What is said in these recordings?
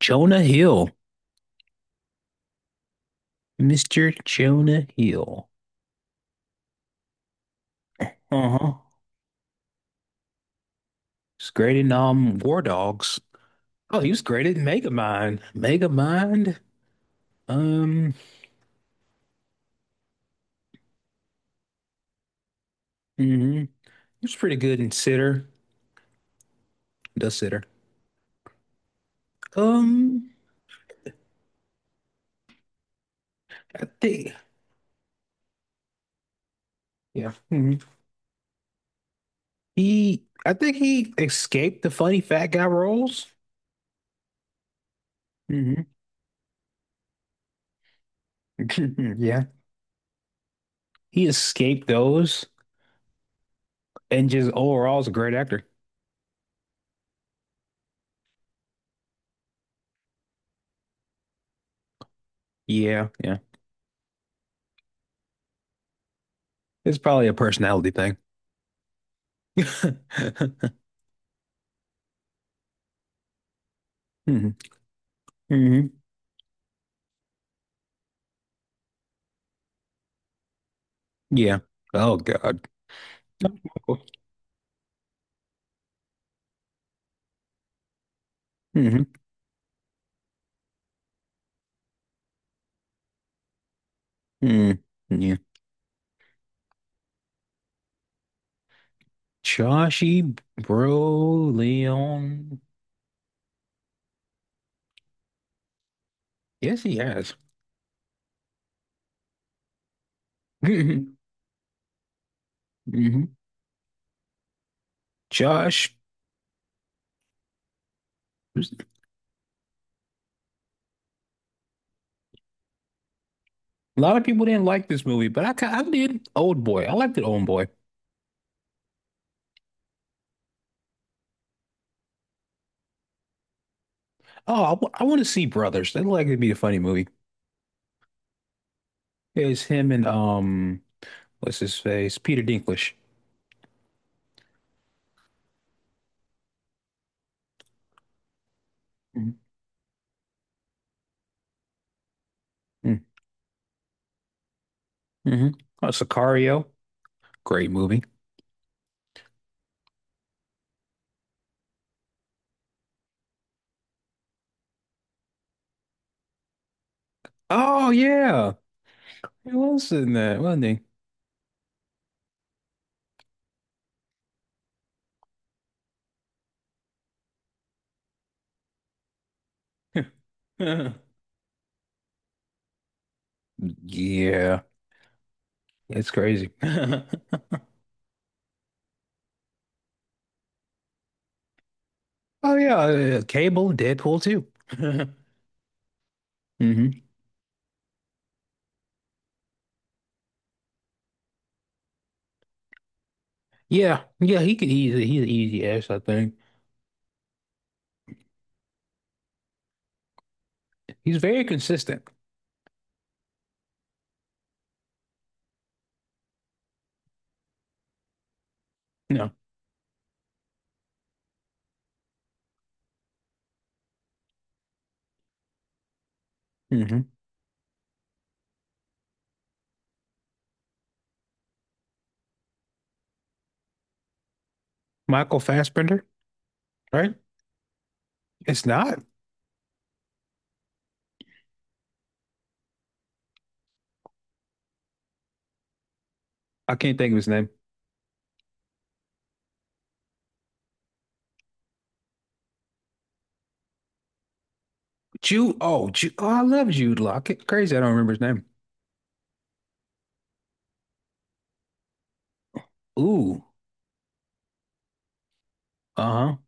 Jonah Hill, Mr. Jonah Hill. Uh-huh. He's great in War Dogs. Oh, he was great in Megamind. Megamind. Um, He was pretty good in Sitter. The Sitter. Um, I think, yeah. hmm He I think he escaped the funny fat guy roles. hmm Yeah. He escaped those and just overall is a great actor. Yeah, yeah. It's probably a personality thing. hmm hmm Yeah. Oh God. hmm Mm. Yeah. Chashi Broleon. Yes, he has. hmm hmm Josh. A lot of people didn't like this movie, but I did Old Boy. I liked it, Old Boy. Oh, I want to see Brothers. That looked like it'd be a funny movie. It's him and what's his face? Peter Dinklage. Mm-hmm. Mm-hmm. Oh, Sicario. Great movie. Oh yeah, he was in that, wasn't he? Yeah, it's crazy. Oh yeah, Cable, Deadpool too. hmm Yeah, yeah, he could. He's an easy ass. I think he's very consistent. No, hmm Michael Fassbender, right? It's not. I can't think of his name. Jude. Oh, Jude. Oh, I love Jude Law. Crazy, I don't remember his name. Ooh. Uh-huh.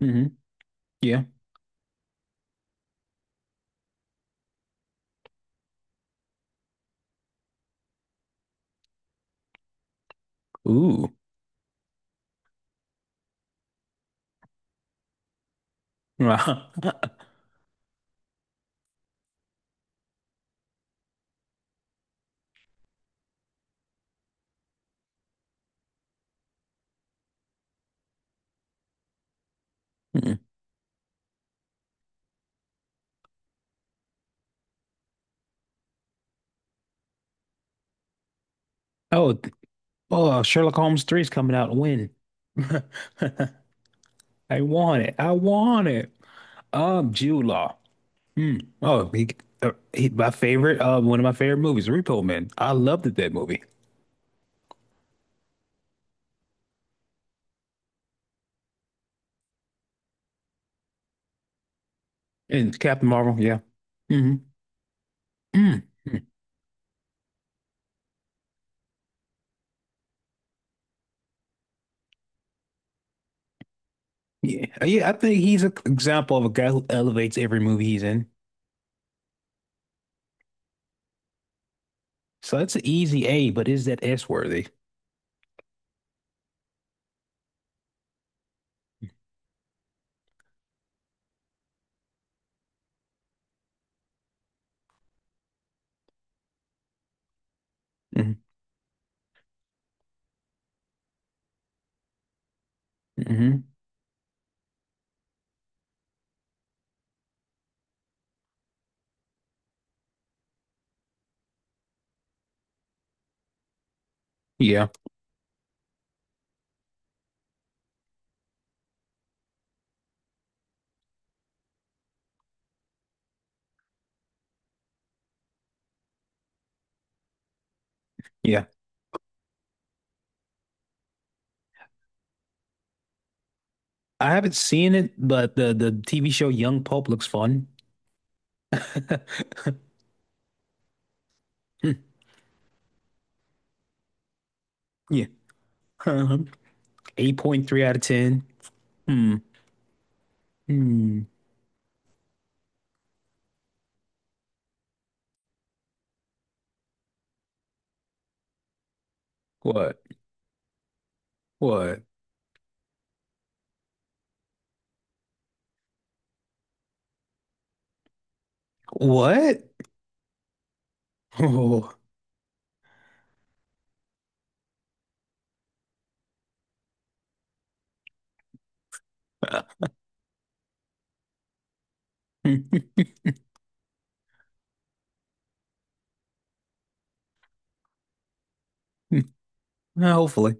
hmm Yeah. Ooh. Mhm. Oh. Oh. Sherlock Holmes 3 is coming out. When? I want it. I want it. Jude Law. Hmm. Oh, my favorite, one of my favorite movies, Repo Man. I loved that movie. And Captain Marvel, yeah. hmm Mm. Mm. Yeah, yeah. I think he's an example of a guy who elevates every movie he's in. So that's an easy A, but is that S worthy? hmm hmm Yeah, yeah. I haven't seen it, but the TV show Young Pope looks fun. Hmm. Yeah. Um, 8.3 out of 10. Hmm. Hmm. What? What? What? Oh. Hopefully.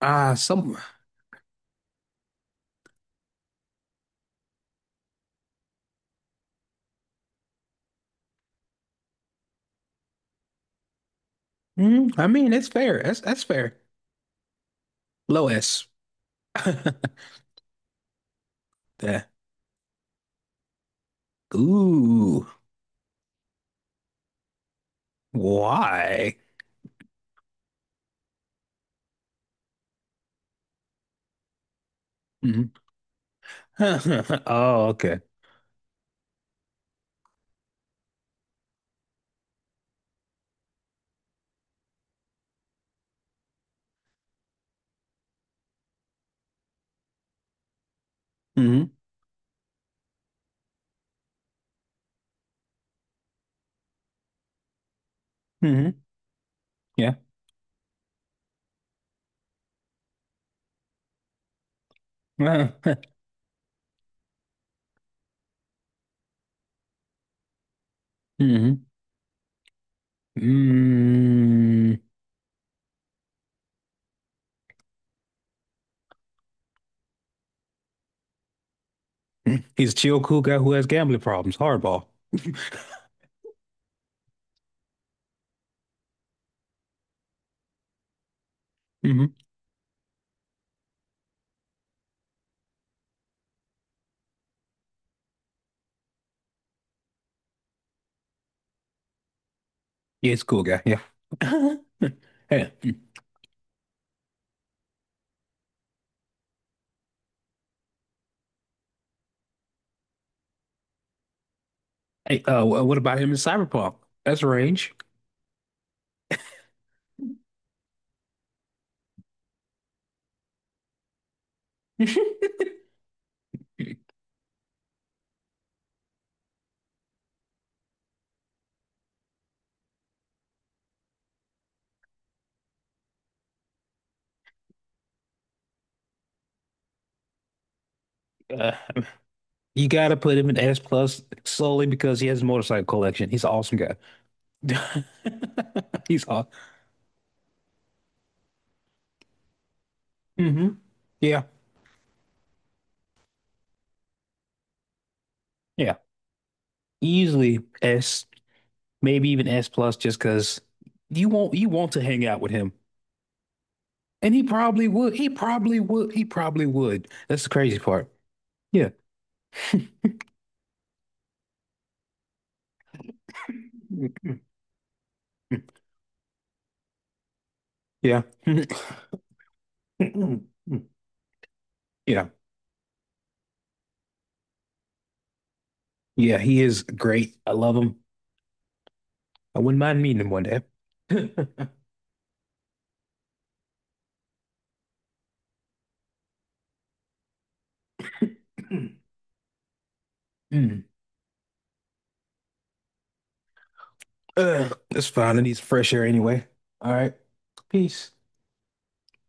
Ah, some. Mm, I mean, it's fair. That's fair. Low S. The- Ooh. Why? Mhm. Oh, okay. hmm hmm Yeah. hmm Mm. He's a chill, cool guy who has gambling problems. Hardball. Yeah, he's a cool guy. Yeah. Hey, mm. Hey, what about him in Cyberpunk? That's range. Uh, you gotta put him in S plus solely because he has a motorcycle collection. He's an awesome guy. He's awesome. hmm Yeah, yeah. Easily S, maybe even S plus, just because you want to hang out with him, and he probably would. He probably would. He probably would. That's the crazy part. Yeah. Yeah. Yeah. Yeah. He is great. I love him. I wouldn't mind meeting him one day. Mm. Mm. Ugh, it's fine. It needs fresh air anyway. All right. Peace.